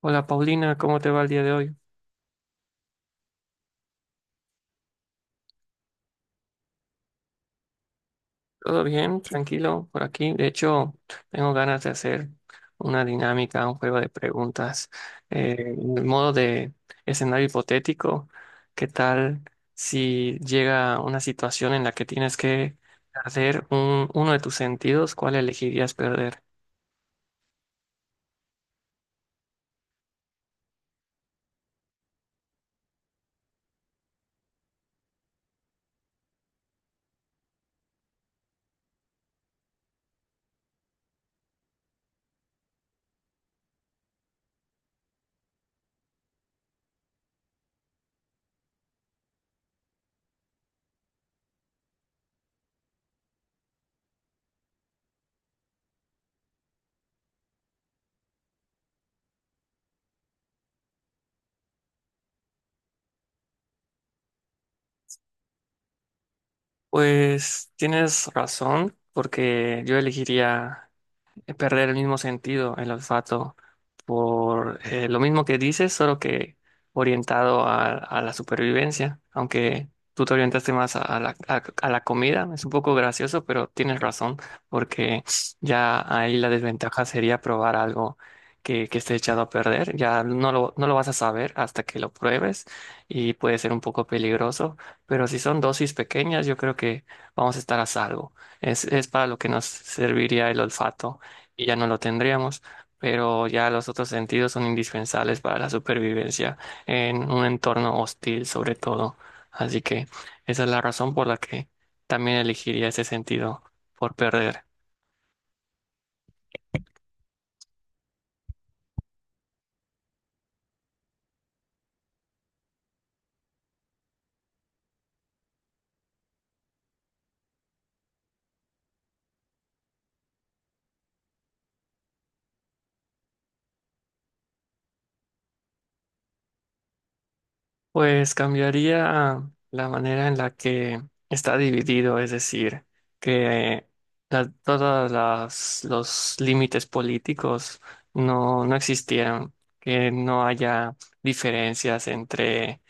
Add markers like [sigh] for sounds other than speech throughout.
Hola Paulina, ¿cómo te va el día de hoy? ¿Todo bien? ¿Tranquilo por aquí? De hecho, tengo ganas de hacer una dinámica, un juego de preguntas, en el modo de escenario hipotético. ¿Qué tal si llega una situación en la que tienes que perder uno de tus sentidos? ¿Cuál elegirías perder? Pues tienes razón, porque yo elegiría perder el mismo sentido, el olfato, por lo mismo que dices, solo que orientado a la supervivencia, aunque tú te orientaste más a la comida. Es un poco gracioso, pero tienes razón, porque ya ahí la desventaja sería probar algo que esté echado a perder, ya no lo vas a saber hasta que lo pruebes y puede ser un poco peligroso, pero si son dosis pequeñas, yo creo que vamos a estar a salvo. Es para lo que nos serviría el olfato y ya no lo tendríamos, pero ya los otros sentidos son indispensables para la supervivencia en un entorno hostil, sobre todo. Así que esa es la razón por la que también elegiría ese sentido por perder. Pues cambiaría la manera en la que está dividido, es decir, que todas los límites políticos no existieran, que no haya diferencias entre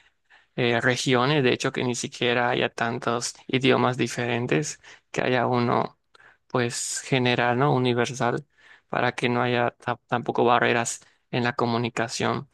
regiones, de hecho que ni siquiera haya tantos idiomas diferentes, que haya uno pues general, ¿no? Universal, para que no haya tampoco barreras en la comunicación.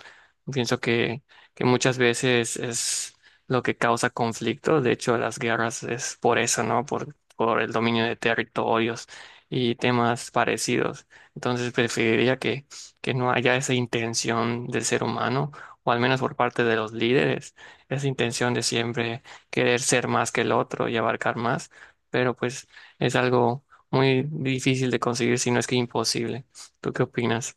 Pienso que muchas veces es lo que causa conflictos. De hecho, las guerras es por eso, ¿no? Por el dominio de territorios y temas parecidos. Entonces, preferiría que no haya esa intención del ser humano, o al menos por parte de los líderes, esa intención de siempre querer ser más que el otro y abarcar más. Pero pues es algo muy difícil de conseguir, si no es que imposible. ¿Tú qué opinas?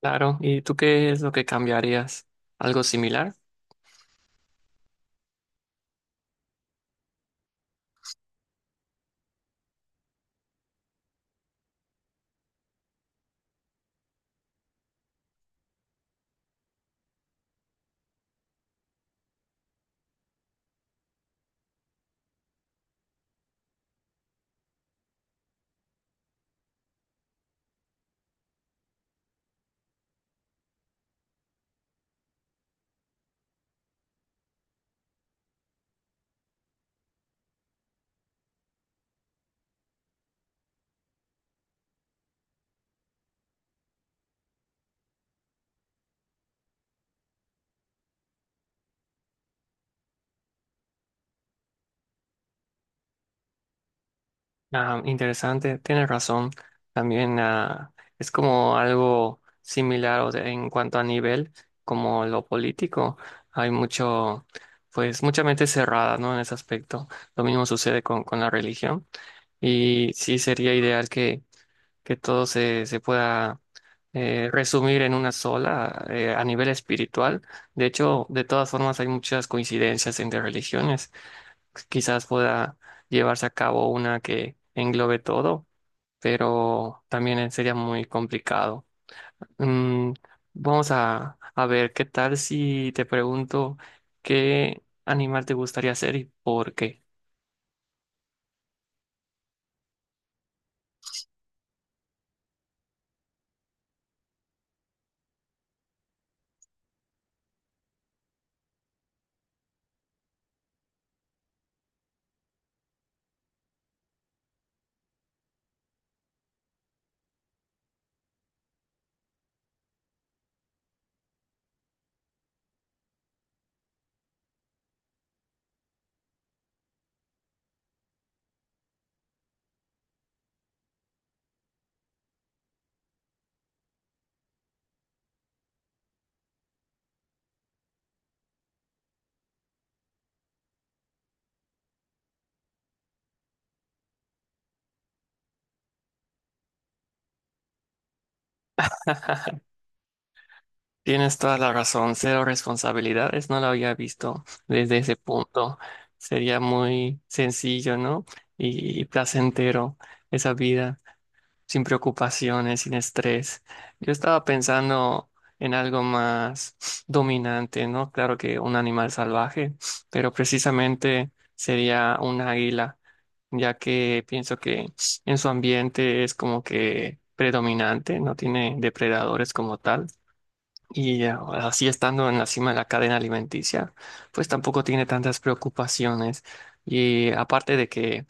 Claro, ¿y tú qué es lo que cambiarías? ¿Algo similar? Ah, interesante, tienes razón. También ah, es como algo similar en cuanto a nivel, como lo político. Hay mucho, pues mucha mente cerrada, ¿no? En ese aspecto. Lo mismo sucede con la religión. Y sí sería ideal que todo se pueda resumir en una sola, a nivel espiritual. De hecho, de todas formas hay muchas coincidencias entre religiones. Quizás pueda llevarse a cabo una que englobe todo, pero también sería muy complicado. Mm, vamos a ver, ¿qué tal si te pregunto qué animal te gustaría ser y por qué? [laughs] Tienes toda la razón, cero responsabilidades, no lo había visto desde ese punto. Sería muy sencillo, ¿no? Y placentero esa vida, sin preocupaciones, sin estrés. Yo estaba pensando en algo más dominante, ¿no? Claro que un animal salvaje, pero precisamente sería un águila, ya que pienso que en su ambiente es como que predominante, no tiene depredadores como tal y, así estando en la cima de la cadena alimenticia, pues tampoco tiene tantas preocupaciones. Y aparte de que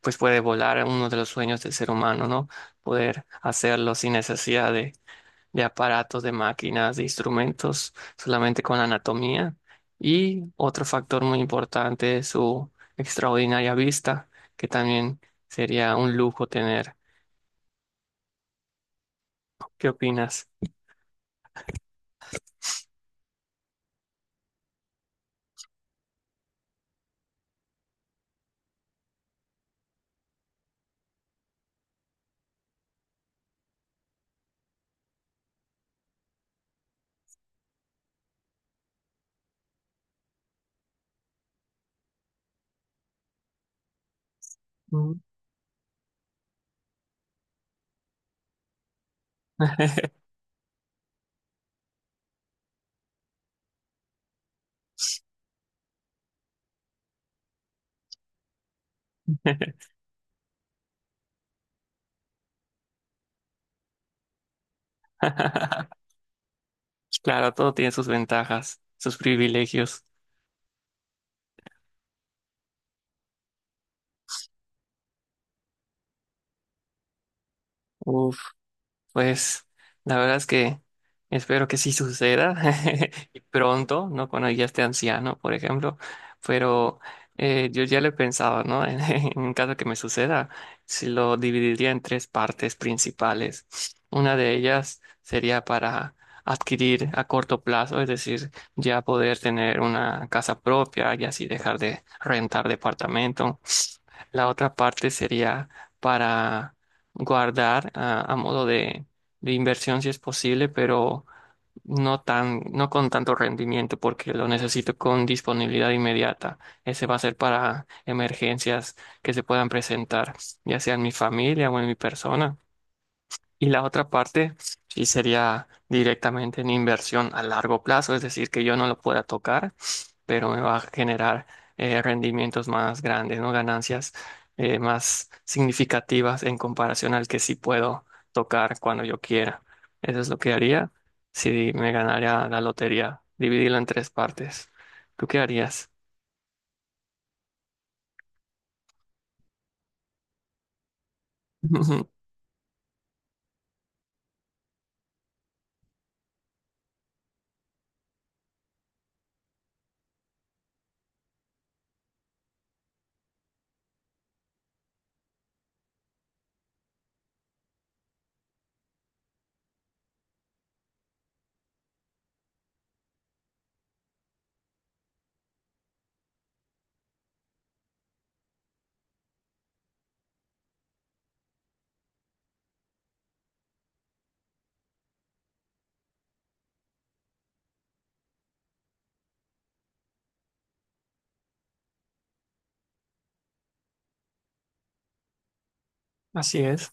pues puede volar, uno de los sueños del ser humano, ¿no? Poder hacerlo sin necesidad de aparatos, de máquinas, de instrumentos, solamente con la anatomía. Y otro factor muy importante es su extraordinaria vista, que también sería un lujo tener. ¿Qué opinas? Mm. [laughs] Claro, todo tiene sus ventajas, sus privilegios. Uf, pues la verdad es que espero que sí suceda [laughs] y pronto, ¿no? Cuando ya esté anciano, por ejemplo, pero yo ya lo he pensado, ¿no? [laughs] En caso que me suceda, si lo dividiría en tres partes principales. Una de ellas sería para adquirir a corto plazo, es decir, ya poder tener una casa propia y así dejar de rentar departamento. La otra parte sería para guardar, a modo de inversión si es posible, pero no tan, no con tanto rendimiento porque lo necesito con disponibilidad inmediata. Ese va a ser para emergencias que se puedan presentar, ya sea en mi familia o en mi persona. Y la otra parte sí sería directamente en inversión a largo plazo, es decir, que yo no lo pueda tocar pero me va a generar rendimientos más grandes, ¿no? Ganancias más significativas en comparación al que sí puedo tocar cuando yo quiera. Eso es lo que haría si me ganara la lotería, dividirlo en tres partes. ¿Tú qué harías? [laughs] Así es.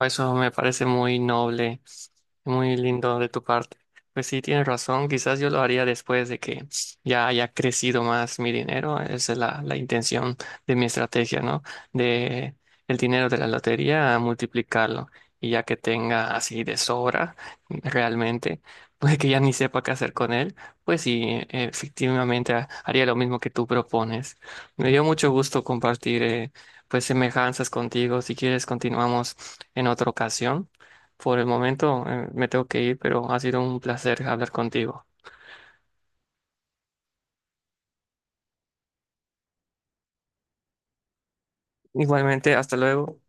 Eso me parece muy noble, muy lindo de tu parte. Pues sí, tienes razón, quizás yo lo haría después de que ya haya crecido más mi dinero. Esa es la intención de mi estrategia, ¿no? De el dinero de la lotería a multiplicarlo. Y ya que tenga así de sobra, realmente, [laughs] pues que ya ni sepa qué hacer con él, pues sí, efectivamente haría lo mismo que tú propones. Me dio mucho gusto compartir, pues, semejanzas contigo. Si quieres, continuamos en otra ocasión. Por el momento, me tengo que ir, pero ha sido un placer hablar contigo. Igualmente, hasta luego.